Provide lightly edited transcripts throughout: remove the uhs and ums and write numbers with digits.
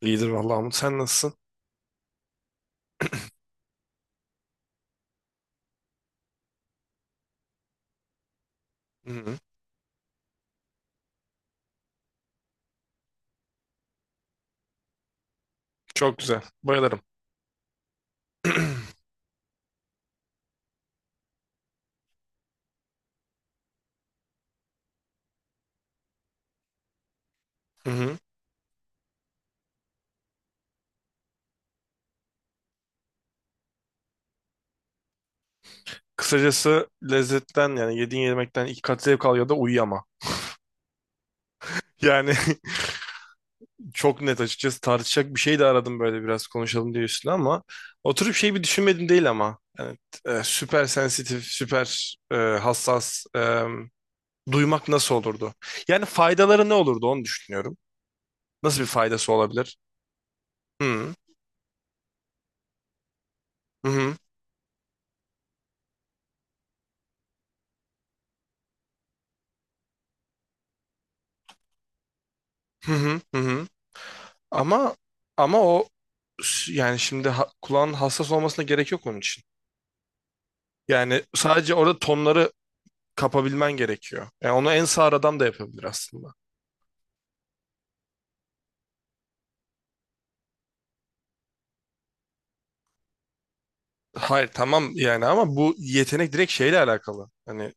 İyidir vallahi Umut. Sen nasılsın? Hı-hı. Çok güzel. Bayılırım. Hı-hı. Kısacası lezzetten yani yediğin yemekten iki kat zevk al ya da uyuyama. Yani çok net açıkçası tartışacak bir şey de aradım böyle biraz konuşalım diye üstüne ama oturup şey bir düşünmedim değil ama yani, süper sensitif, süper hassas duymak nasıl olurdu? Yani faydaları ne olurdu onu düşünüyorum. Nasıl bir faydası olabilir? Hı-hı. Hı-hı. Hı-hı. Ama ama o s- yani şimdi ha- kulağın hassas olmasına gerek yok onun için. Yani sadece orada tonları kapabilmen gerekiyor. Yani onu en sağır adam da yapabilir aslında. Hayır tamam yani ama bu yetenek direkt şeyle alakalı. Hani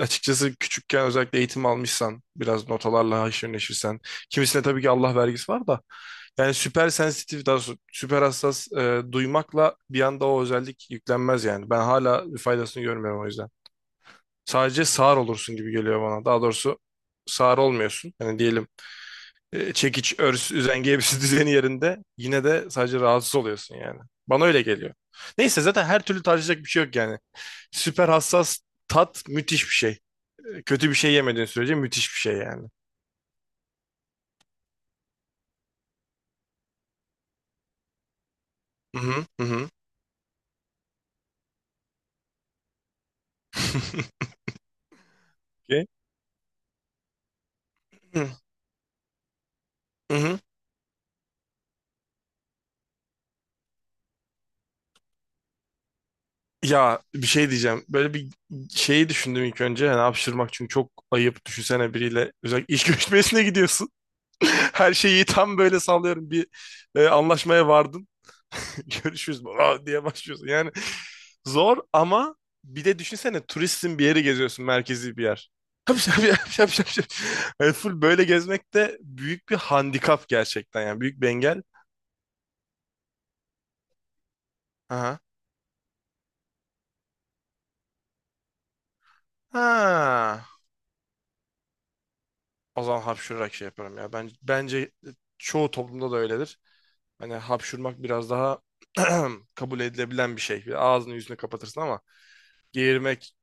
açıkçası küçükken özellikle eğitim almışsan biraz notalarla haşır neşirsen. Kimisine tabii ki Allah vergisi var da. Yani süper sensitif daha doğrusu süper hassas duymakla bir anda o özellik yüklenmez yani. Ben hala faydasını görmüyorum o yüzden. Sadece sağır olursun gibi geliyor bana. Daha doğrusu sağır olmuyorsun. Hani diyelim çekiç, örs, üzengi hepsi düzeni yerinde. Yine de sadece rahatsız oluyorsun yani. Bana öyle geliyor. Neyse zaten her türlü tartışacak bir şey yok yani. Süper hassas tat müthiş bir şey. Kötü bir şey yemediğin sürece müthiş bir şey yani. Hı hı hı. Hı. Ki, hı hı. Ya bir şey diyeceğim. Böyle bir şeyi düşündüm ilk önce. Yani hapşırmak çünkü çok ayıp. Düşünsene biriyle özellikle iş görüşmesine gidiyorsun. Her şeyi tam böyle sallıyorum bir anlaşmaya vardın. Görüşürüz baba diye başlıyorsun. Yani zor ama bir de düşünsene turistsin bir yeri geziyorsun merkezi bir yer. Şap şap şap şap şap. Şap. Yani full böyle gezmek de büyük bir handikap gerçekten yani büyük bir engel. Aha. Ha. O zaman hapşurarak şey yaparım ya. Ben, bence çoğu toplumda da öyledir. Hani hapşurmak biraz daha kabul edilebilen bir şey. Bir ağzını yüzünü kapatırsın ama geğirmek.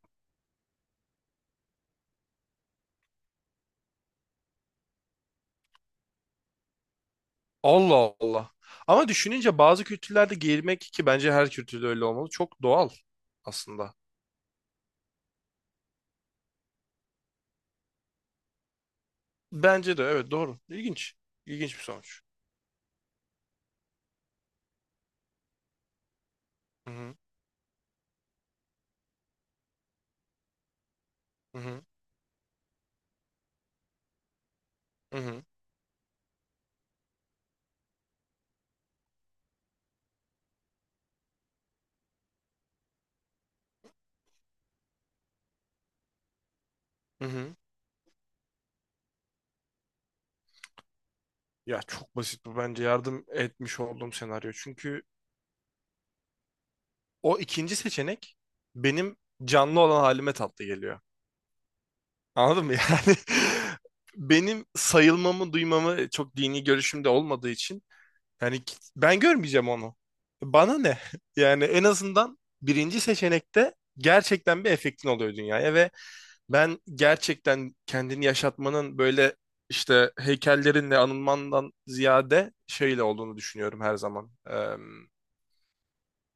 Allah Allah. Ama düşününce bazı kültürlerde giymek ki bence her kültürde öyle olmalı. Çok doğal aslında. Bence de evet doğru. İlginç. İlginç bir sonuç. Hı hı, hı hı, hı hı, hı hı. Ya çok basit bu bence yardım etmiş olduğum senaryo. Çünkü o ikinci seçenek benim canlı olan halime tatlı geliyor. Anladın mı? Yani benim sayılmamı duymamı çok dini görüşümde olmadığı için. Yani ki- ben görmeyeceğim onu. Bana ne? Yani en azından birinci seçenekte gerçekten bir efektin oluyor dünyaya ve ben gerçekten kendini yaşatmanın böyle işte heykellerinle anılmandan ziyade şeyle olduğunu düşünüyorum her zaman.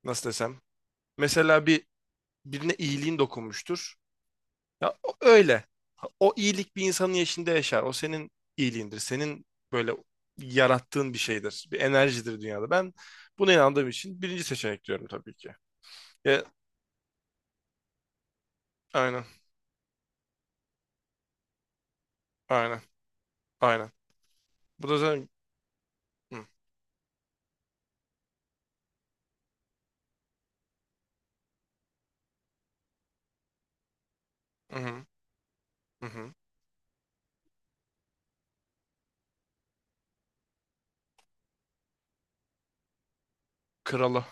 Nasıl desem? Mesela bir birine iyiliğin dokunmuştur. Ya o- öyle. O iyilik bir insanın yaşında yaşar. O senin iyiliğindir. Senin böyle yarattığın bir şeydir. Bir enerjidir dünyada. Ben buna inandığım için birinci seçenek diyorum tabii ki. Ya, aynen. Aynen. Aynen. Bu da zaten hı, hı, hı, hı. Kralı.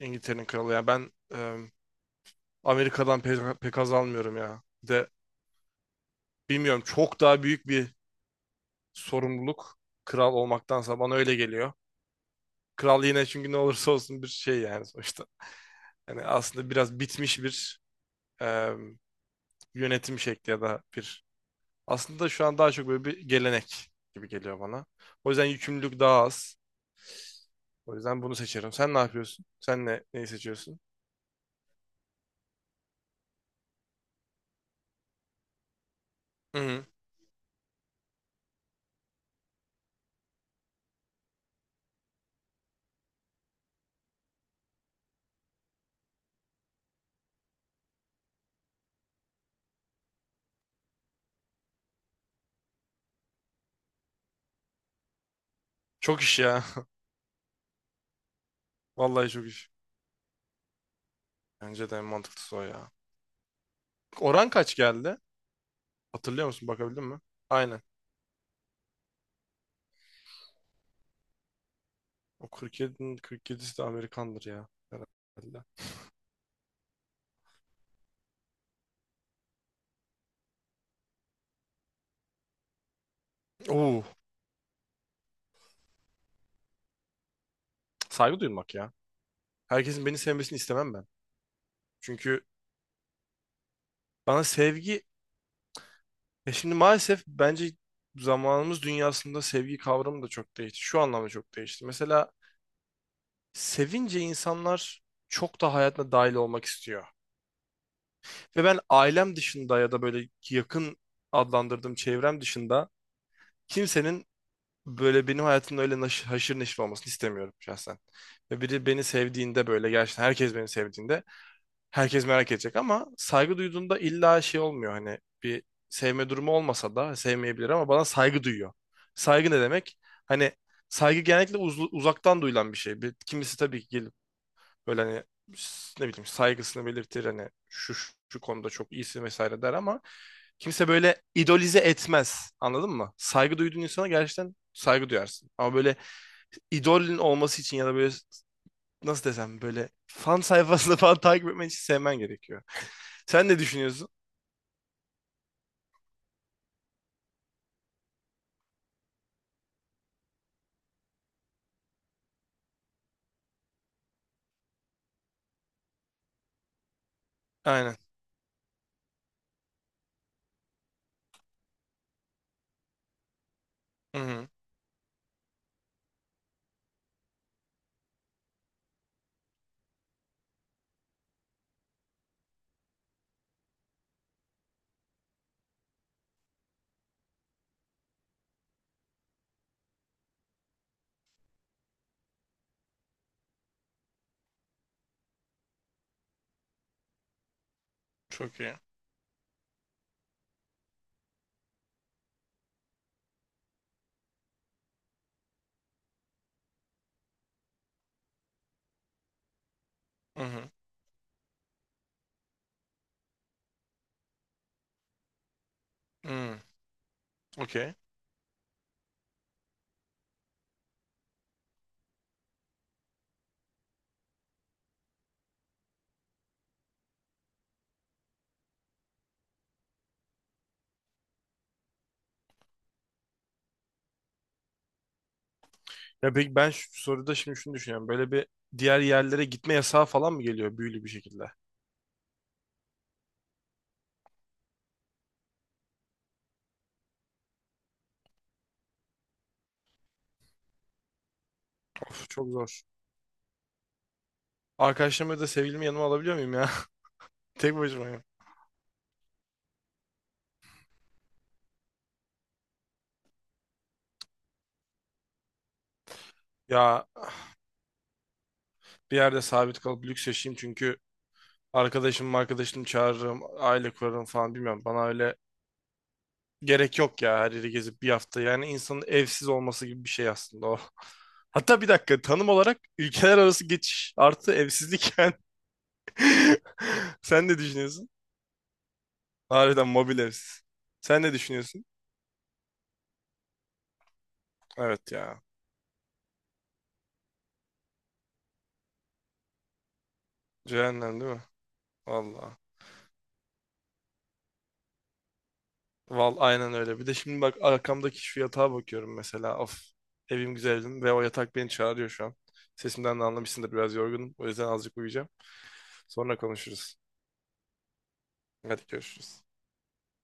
İngiltere'nin kralı. Yani ben Amerika'dan pe- pek, az almıyorum ya. Bir de bilmiyorum çok daha büyük bir sorumluluk kral olmaktansa bana öyle geliyor. Kral yine çünkü ne olursa olsun bir şey yani sonuçta. Yani aslında biraz bitmiş bir e, yönetim şekli ya da bir aslında şu an daha çok böyle bir gelenek gibi geliyor bana. O yüzden yükümlülük daha az. O yüzden bunu seçerim. Sen ne yapıyorsun? Sen ne neyi seçiyorsun? Hı hı. Çok iş ya. Vallahi çok iş. Bence de en mantıklısı o ya. Oran kaç geldi? Hatırlıyor musun? Bakabildin mi? Aynen. O 47'nin 47'si de Amerikandır ya. Herhalde. Oo, saygı duymak ya. Herkesin beni sevmesini istemem ben. Çünkü bana sevgi. E şimdi maalesef bence zamanımız dünyasında sevgi kavramı da çok değişti. Şu anlamda çok değişti. Mesela sevince insanlar çok da hayatına dahil olmak istiyor. Ve ben ailem dışında ya da böyle yakın adlandırdığım çevrem dışında kimsenin böyle benim hayatımda öyle naş- haşır neşir olmasını istemiyorum şahsen. Ve biri beni sevdiğinde böyle gerçekten herkes beni sevdiğinde herkes merak edecek ama saygı duyduğunda illa şey olmuyor hani bir sevme durumu olmasa da sevmeyebilir ama bana saygı duyuyor. Saygı ne demek? Hani saygı genellikle uz- uzaktan duyulan bir şey. Bir, kimisi tabii ki böyle hani ne bileyim saygısını belirtir hani şu şu şu konuda çok iyisin vesaire der ama kimse böyle idolize etmez. Anladın mı? Saygı duyduğun insana gerçekten saygı duyarsın. Ama böyle idolün olması için ya da böyle nasıl desem böyle fan sayfasını falan takip etmen için sevmen gerekiyor. Sen ne düşünüyorsun? Aynen. Hı hı. Çok iyi. Hı hı. Hı. Okey. Ya peki ben şu soruda şimdi şunu düşünüyorum. Böyle bir diğer yerlere gitme yasağı falan mı geliyor büyülü bir şekilde? Of, çok zor. Arkadaşlarımı da sevgilimi yanıma alabiliyor muyum ya? Tek başıma ya. Ya bir yerde sabit kalıp lüks yaşayayım çünkü arkadaşım çağırırım, aile kurarım falan bilmiyorum. Bana öyle gerek yok ya her yeri gezip bir hafta. Yani insanın evsiz olması gibi bir şey aslında o. Hatta bir dakika tanım olarak ülkeler arası geçiş artı evsizlik yani. Sen ne düşünüyorsun? Harbiden mobil evsiz. Sen ne düşünüyorsun? Evet ya. Cehennem değil mi? Vallahi. Val aynen öyle. Bir de şimdi bak arkamdaki şu yatağa bakıyorum mesela. Of, evim güzeldim ve o yatak beni çağırıyor şu an. Sesimden de anlamışsındır biraz yorgunum. O yüzden azıcık uyuyacağım. Sonra konuşuruz. Hadi görüşürüz.